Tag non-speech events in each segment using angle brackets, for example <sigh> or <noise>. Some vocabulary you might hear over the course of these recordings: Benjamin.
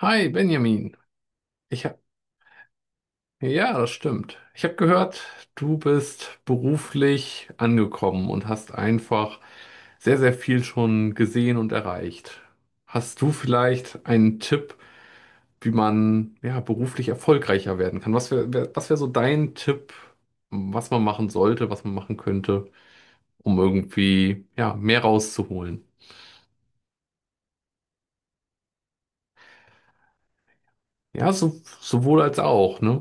Hi Benjamin, ich hab, ja, das stimmt. Ich habe gehört, du bist beruflich angekommen und hast einfach sehr, sehr viel schon gesehen und erreicht. Hast du vielleicht einen Tipp, wie man ja beruflich erfolgreicher werden kann? Was wäre so dein Tipp, was man machen sollte, was man machen könnte, um irgendwie ja mehr rauszuholen? Ja, so, sowohl als auch, ne?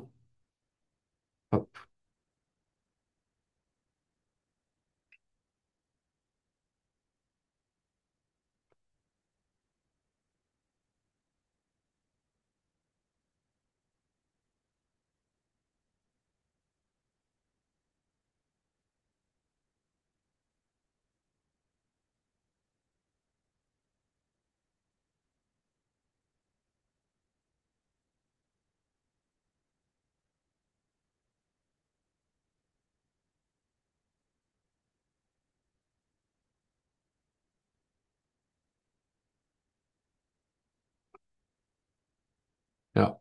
Ja.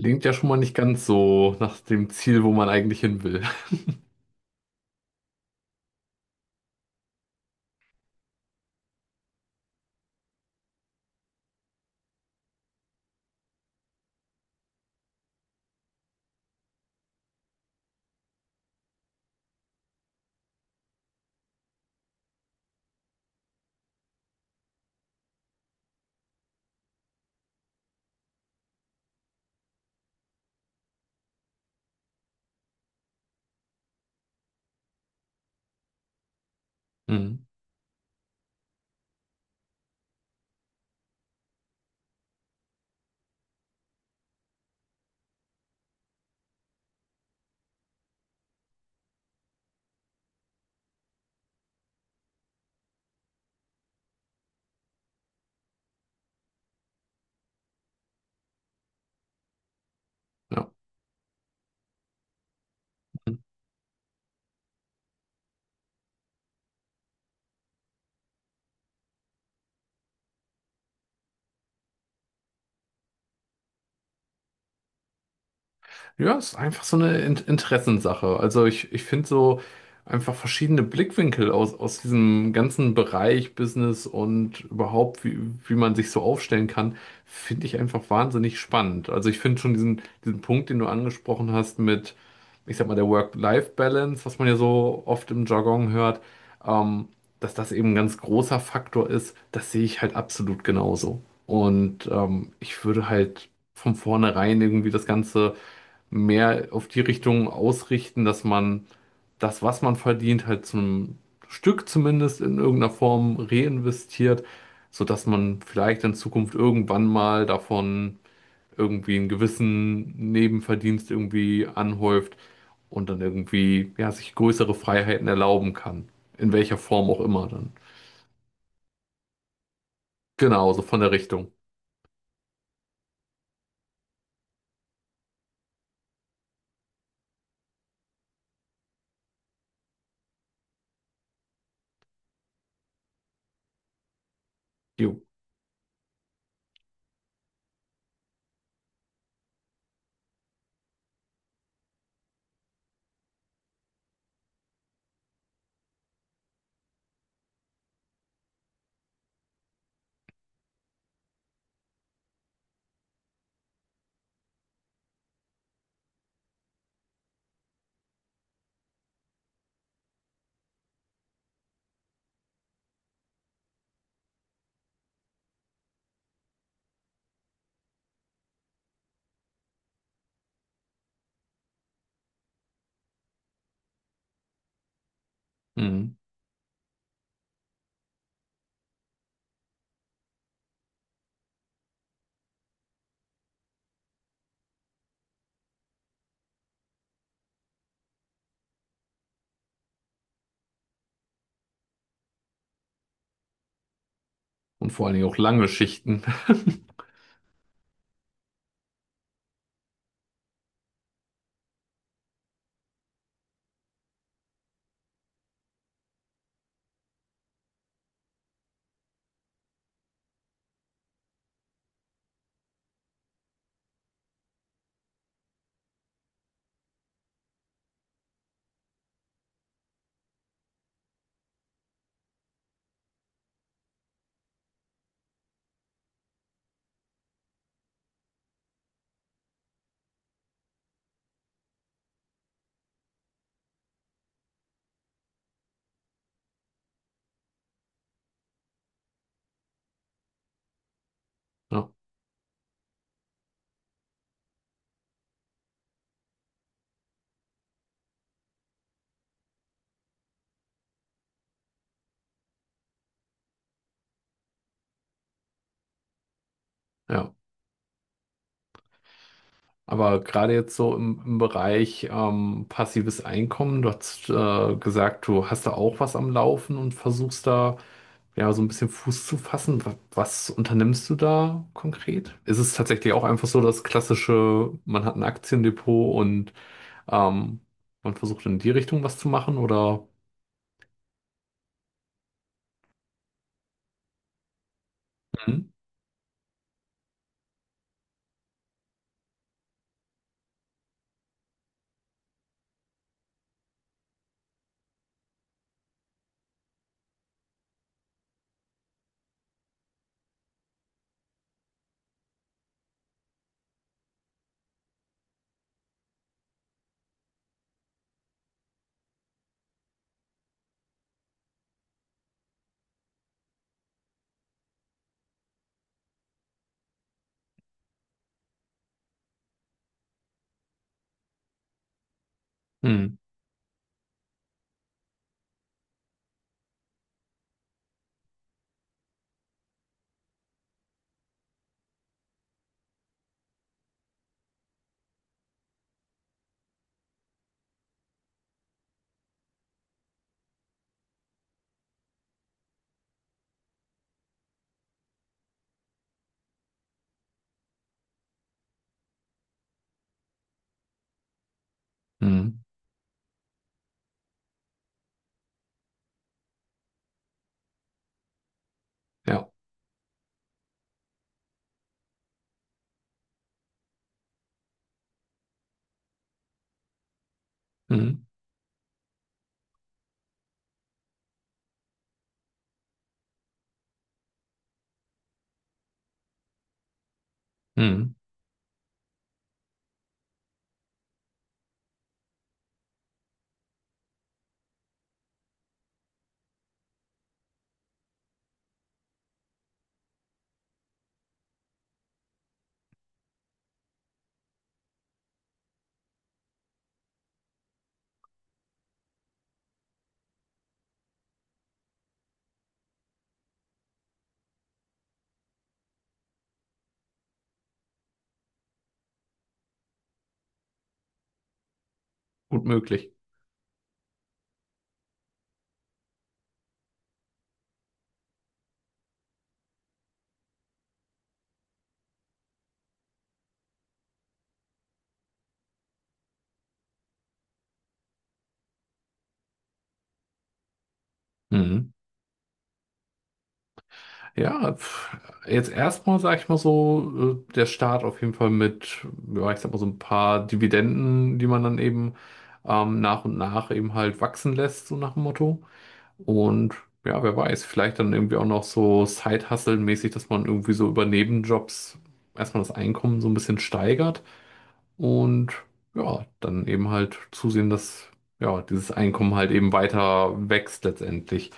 Klingt ja schon mal nicht ganz so nach dem Ziel, wo man eigentlich hin will. <laughs> Mhm. Ja. Ja, es ist einfach so eine In Interessenssache. Also ich finde so einfach verschiedene Blickwinkel aus diesem ganzen Bereich Business und überhaupt, wie man sich so aufstellen kann, finde ich einfach wahnsinnig spannend. Also ich finde schon diesen Punkt, den du angesprochen hast mit, ich sag mal, der Work-Life-Balance, was man ja so oft im Jargon hört, ähm, dass das eben ein ganz großer Faktor ist, das sehe ich halt absolut genauso. Und ich würde halt von vornherein irgendwie das Ganze mehr auf die Richtung ausrichten, dass man das, was man verdient, halt zum Stück zumindest in irgendeiner Form reinvestiert, sodass man vielleicht in Zukunft irgendwann mal davon irgendwie einen gewissen Nebenverdienst irgendwie anhäuft und dann irgendwie ja, sich größere Freiheiten erlauben kann. In welcher Form auch immer dann. Genau, so von der Richtung. Jo. Mhm. Und vor allen Dingen auch lange Schichten. <laughs> Ja, ja. Aber gerade jetzt so im Bereich passives Einkommen, du hast gesagt, du hast da auch was am Laufen und versuchst da ja so ein bisschen Fuß zu fassen. Was unternimmst du da konkret? Ist es tatsächlich auch einfach so das klassische, man hat ein Aktiendepot und ähm, man versucht in die Richtung was zu machen oder? Mhm. Mhm. Mhm. Ja. Mhm. Mhm. Gut möglich. Mhm. Ja, pf, jetzt erstmal sage ich mal so, der Start auf jeden Fall mit, ja, ich sag mal so ein paar Dividenden, die man dann eben nach und nach eben halt wachsen lässt, so nach dem Motto. Und ja, wer weiß, vielleicht dann irgendwie auch noch so Side-Hustle-mäßig, dass man irgendwie so über Nebenjobs erstmal das Einkommen so ein bisschen steigert und ja, dann eben halt zusehen, dass ja, dieses Einkommen halt eben weiter wächst letztendlich.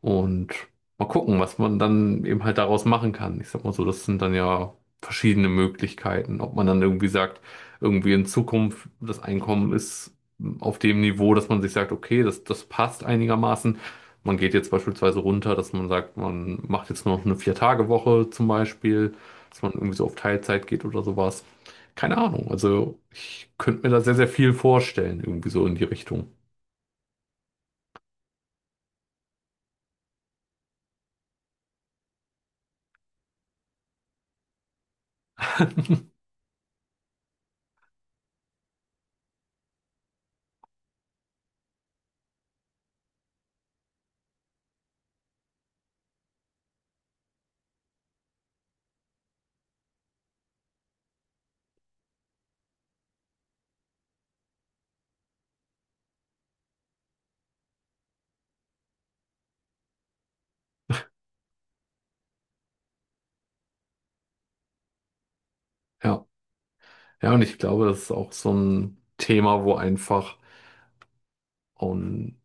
Und mal gucken, was man dann eben halt daraus machen kann. Ich sag mal so, das sind dann ja verschiedene Möglichkeiten. Ob man dann irgendwie sagt, irgendwie in Zukunft das Einkommen ist auf dem Niveau, dass man sich sagt, okay, das passt einigermaßen. Man geht jetzt beispielsweise runter, dass man sagt, man macht jetzt nur noch eine Vier-Tage-Woche zum Beispiel, dass man irgendwie so auf Teilzeit geht oder sowas. Keine Ahnung. Also ich könnte mir da sehr, sehr viel vorstellen, irgendwie so in die Richtung. Ja. Ja, und ich glaube, das ist auch so ein Thema, wo einfach und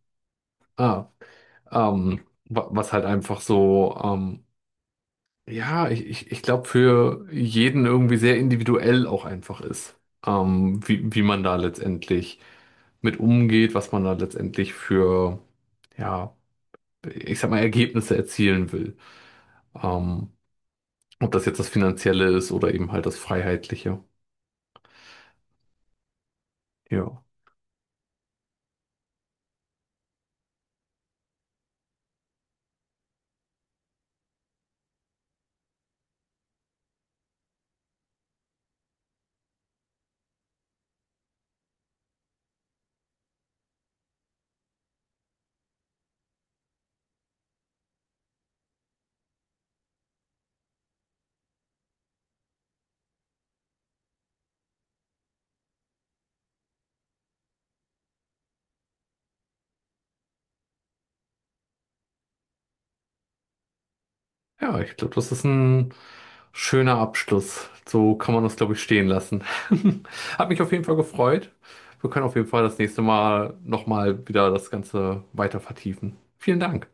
ah, ähm, was halt einfach so, ja, ich glaube, für jeden irgendwie sehr individuell auch einfach ist, wie man da letztendlich mit umgeht, was man da letztendlich für, ja, ich sag mal, Ergebnisse erzielen will. Ähm, ob das jetzt das Finanzielle ist oder eben halt das Freiheitliche. Ja. Ja, ich glaube, das ist ein schöner Abschluss. So kann man das, glaube ich, stehen lassen. <laughs> Hat mich auf jeden Fall gefreut. Wir können auf jeden Fall das nächste Mal nochmal wieder das Ganze weiter vertiefen. Vielen Dank.